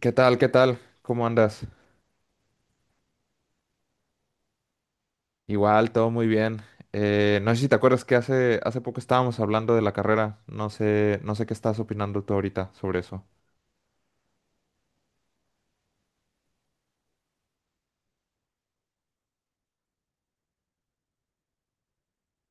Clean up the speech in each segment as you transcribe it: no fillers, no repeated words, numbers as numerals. ¿Qué tal? ¿Qué tal? ¿Cómo andas? Igual, todo muy bien. No sé si te acuerdas que hace poco estábamos hablando de la carrera. No sé, no sé qué estás opinando tú ahorita sobre eso.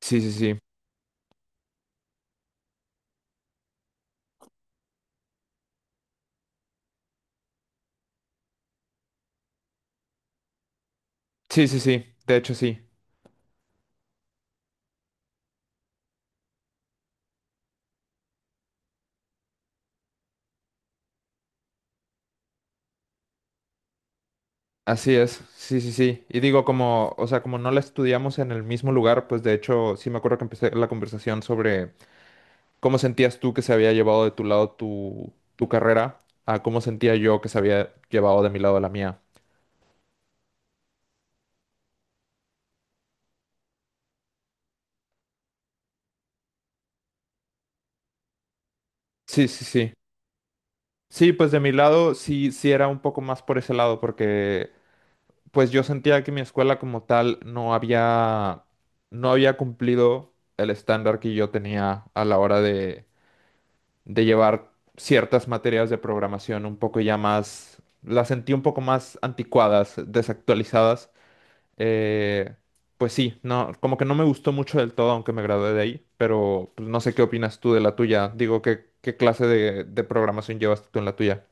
Sí, sí, sí. Sí, sí, sí. De hecho, sí. Así es. Sí, sí, sí. Y digo, como, o sea, como no la estudiamos en el mismo lugar, pues de hecho, sí me acuerdo que empecé la conversación sobre cómo sentías tú que se había llevado de tu lado tu carrera a cómo sentía yo que se había llevado de mi lado la mía. Sí, sí, sí. Sí, pues de mi lado sí, sí era un poco más por ese lado, porque pues yo sentía que mi escuela como tal no había cumplido el estándar que yo tenía a la hora de llevar ciertas materias de programación un poco ya más, las sentí un poco más anticuadas, desactualizadas. Eh, pues sí, no, como que no me gustó mucho del todo, aunque me gradué de ahí, pero pues, no sé qué opinas tú de la tuya. Digo, ¿qué, qué clase de programación llevas tú en la tuya?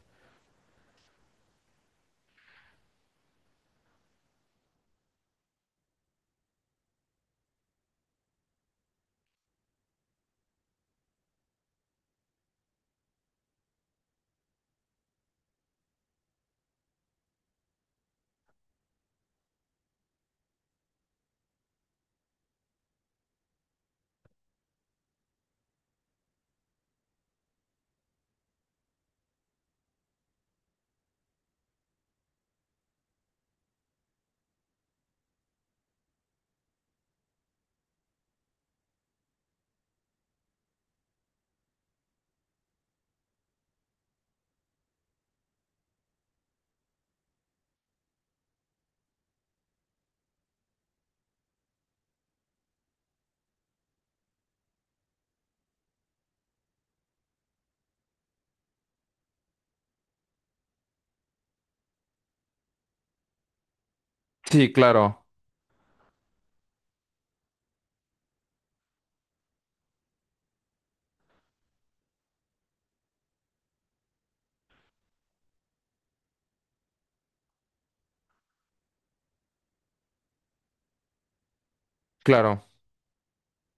Sí, claro. Claro,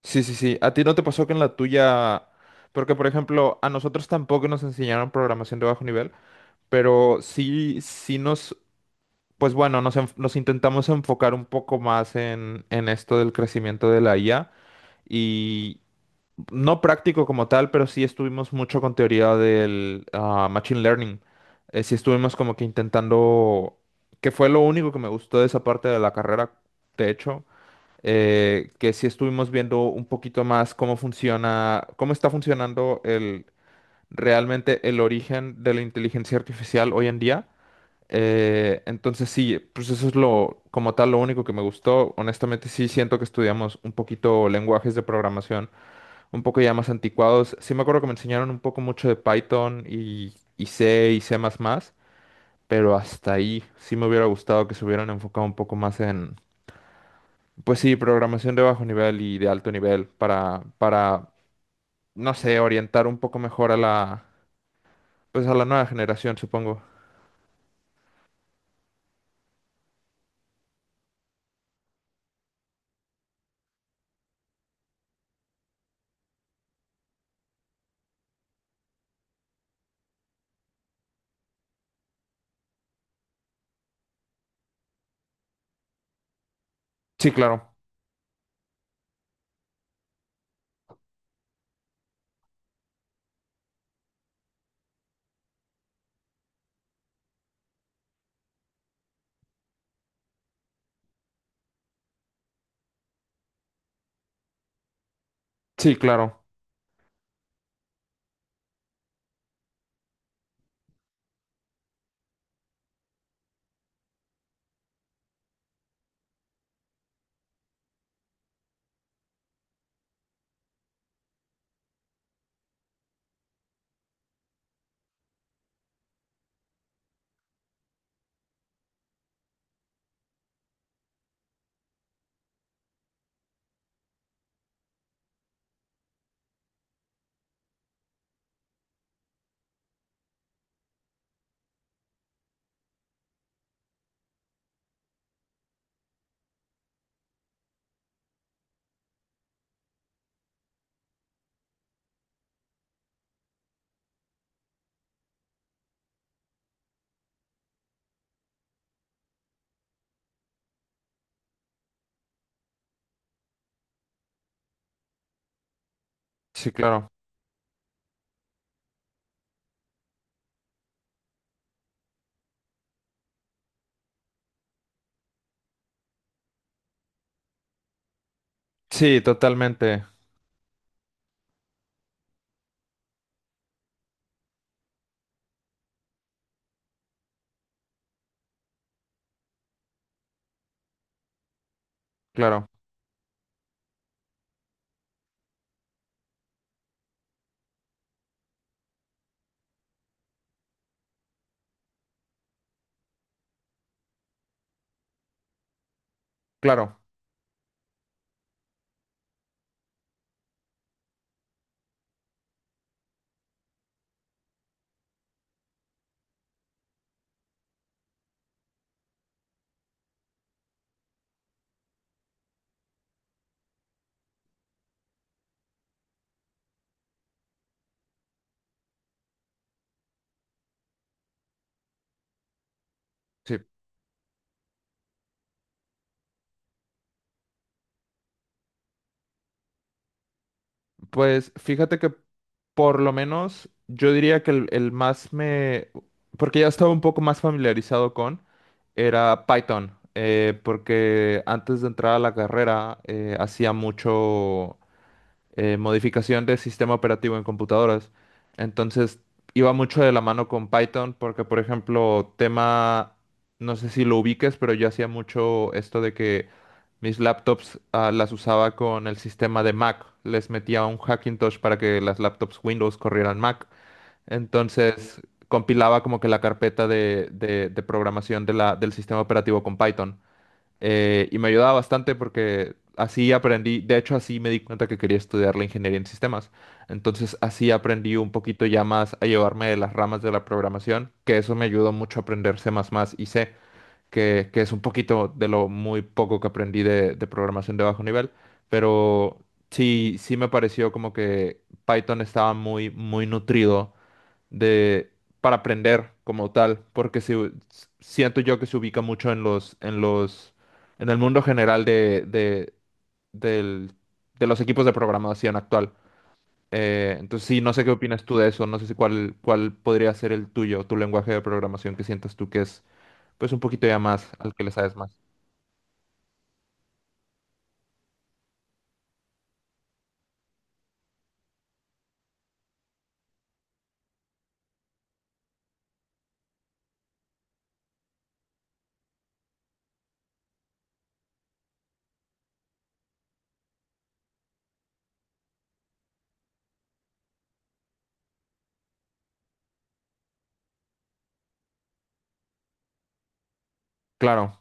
sí, sí, sí. ¿A ti no te pasó que en la tuya, porque por ejemplo, a nosotros tampoco nos enseñaron programación de bajo nivel, pero sí, pues bueno, nos intentamos enfocar un poco más en esto del crecimiento de la IA y no práctico como tal, pero sí estuvimos mucho con teoría del machine learning. Sí estuvimos como que intentando, que fue lo único que me gustó de esa parte de la carrera, de hecho que sí estuvimos viendo un poquito más cómo funciona, cómo está funcionando realmente el origen de la inteligencia artificial hoy en día. Entonces sí, pues eso es lo, como tal, lo único que me gustó. Honestamente sí siento que estudiamos un poquito lenguajes de programación, un poco ya más anticuados. Sí me acuerdo que me enseñaron un poco mucho de Python y C y C++, pero hasta ahí sí me hubiera gustado que se hubieran enfocado un poco más pues sí, programación de bajo nivel y de alto nivel para, no sé, orientar un poco mejor a la, pues a la nueva generación, supongo. Sí, claro. Sí, claro. Sí, claro. Sí, totalmente. Claro. Claro. Sí. Pues fíjate que por lo menos yo diría que el más me, porque ya estaba un poco más familiarizado con, era Python. Porque antes de entrar a la carrera hacía mucho modificación de sistema operativo en computadoras. Entonces, iba mucho de la mano con Python porque, por ejemplo, tema, no sé si lo ubiques, pero yo hacía mucho esto de que mis laptops, las usaba con el sistema de Mac. Les metía un Hackintosh para que las laptops Windows corrieran Mac. Entonces, compilaba como que la carpeta de programación de del sistema operativo con Python. Y me ayudaba bastante porque así aprendí, de hecho así me di cuenta que quería estudiar la ingeniería en sistemas. Entonces así aprendí un poquito ya más a llevarme de las ramas de la programación, que eso me ayudó mucho a aprender C++ y C, que es un poquito de lo muy poco que aprendí de programación de bajo nivel, pero sí, sí me pareció como que Python estaba muy, muy nutrido de para aprender como tal, porque si, siento yo que se ubica mucho en los en el mundo general del- de los equipos de programación actual. Entonces sí, no sé qué opinas tú de eso, no sé si cuál podría ser el tuyo, tu lenguaje de programación que sientas tú que es pues un poquito ya más al que le sabes más. Claro.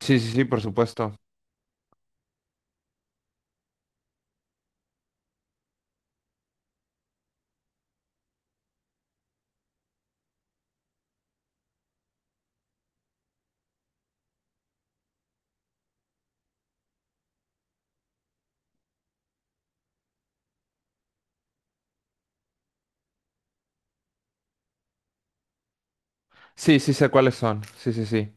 Sí, sí, sí, por supuesto. Sí, sí sé cuáles son. Sí, sí, sí.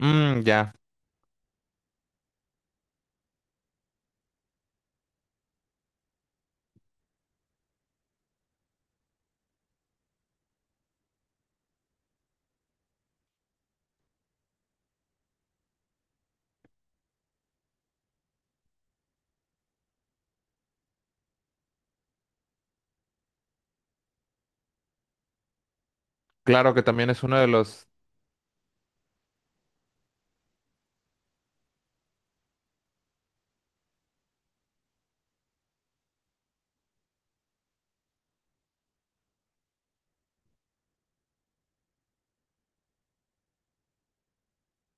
Mm, ya. Claro que también es uno de los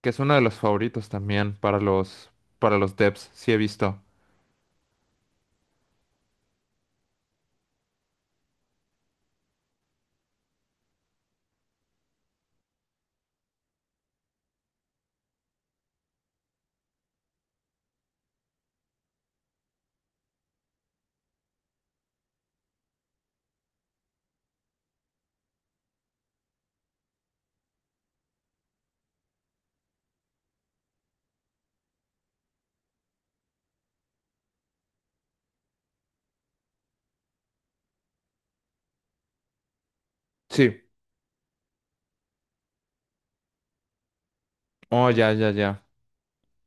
que es uno de los favoritos también para los devs, sí he visto. Sí. Oh, ya, ya, ya.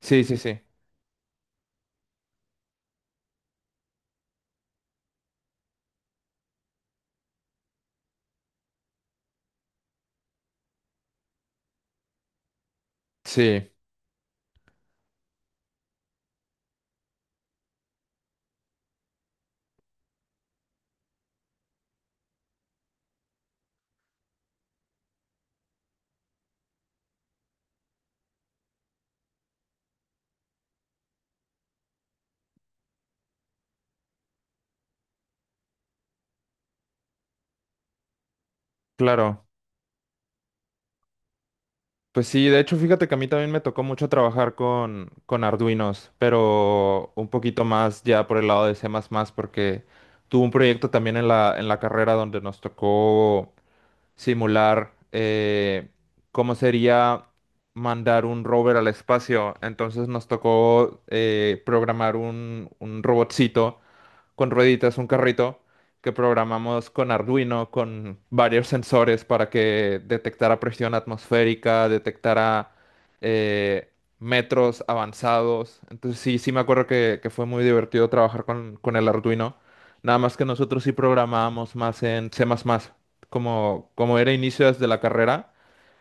Sí, sí, sí. Sí, claro. Pues sí, de hecho, fíjate que a mí también me tocó mucho trabajar con Arduinos, pero un poquito más ya por el lado de C++, porque tuve un proyecto también en la carrera donde nos tocó simular cómo sería mandar un rover al espacio. Entonces nos tocó programar un robotcito con rueditas, un carrito que programamos con Arduino, con varios sensores para que detectara presión atmosférica, detectara eh, metros avanzados. Entonces sí, sí me acuerdo que fue muy divertido trabajar con el Arduino. Nada más que nosotros sí programábamos más en C++. Como, como era inicio desde la carrera,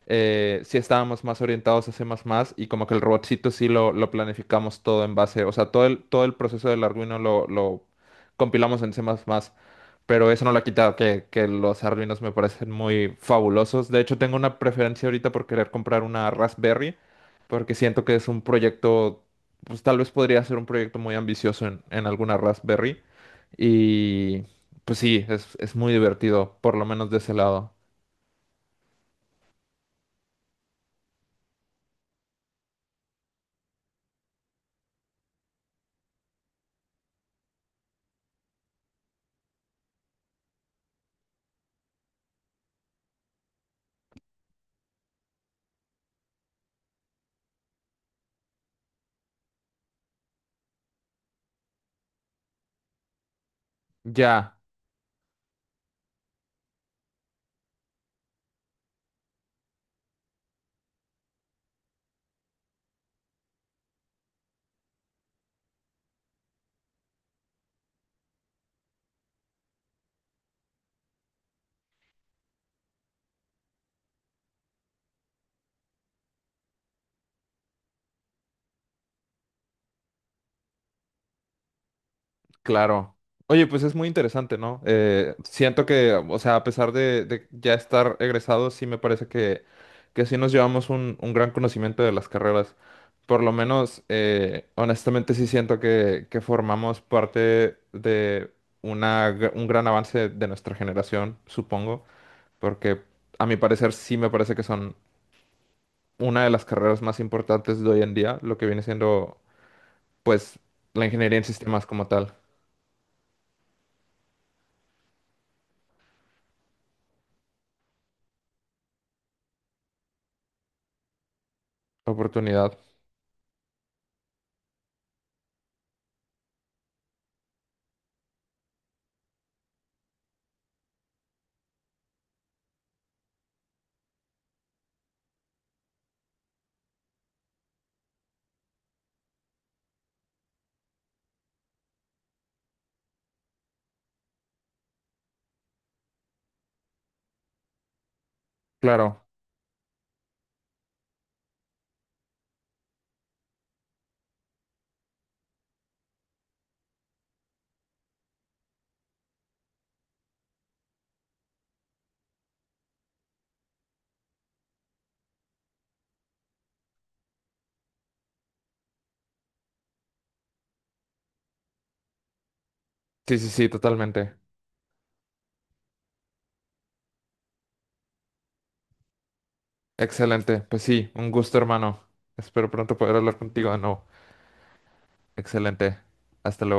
sí estábamos más orientados a C++ y como que el robotcito sí lo planificamos todo en base, o sea, todo el proceso del Arduino lo compilamos en C++, pero eso no lo ha quitado, que los Arduinos me parecen muy fabulosos. De hecho, tengo una preferencia ahorita por querer comprar una Raspberry, porque siento que es un proyecto, pues tal vez podría ser un proyecto muy ambicioso en alguna Raspberry y pues sí, es muy divertido, por lo menos de ese lado. Ya, claro. Oye, pues es muy interesante, ¿no? Siento que, o sea, a pesar de ya estar egresados, sí me parece que sí nos llevamos un gran conocimiento de las carreras. Por lo menos, honestamente, sí siento que formamos parte de una, un gran avance de nuestra generación, supongo, porque a mi parecer sí me parece que son una de las carreras más importantes de hoy en día, lo que viene siendo, pues, la ingeniería en sistemas como tal. Oportunidad. Claro. Sí, sí, sí, totalmente. Excelente. Pues sí, un gusto, hermano. Espero pronto poder hablar contigo de nuevo. Excelente. Hasta luego.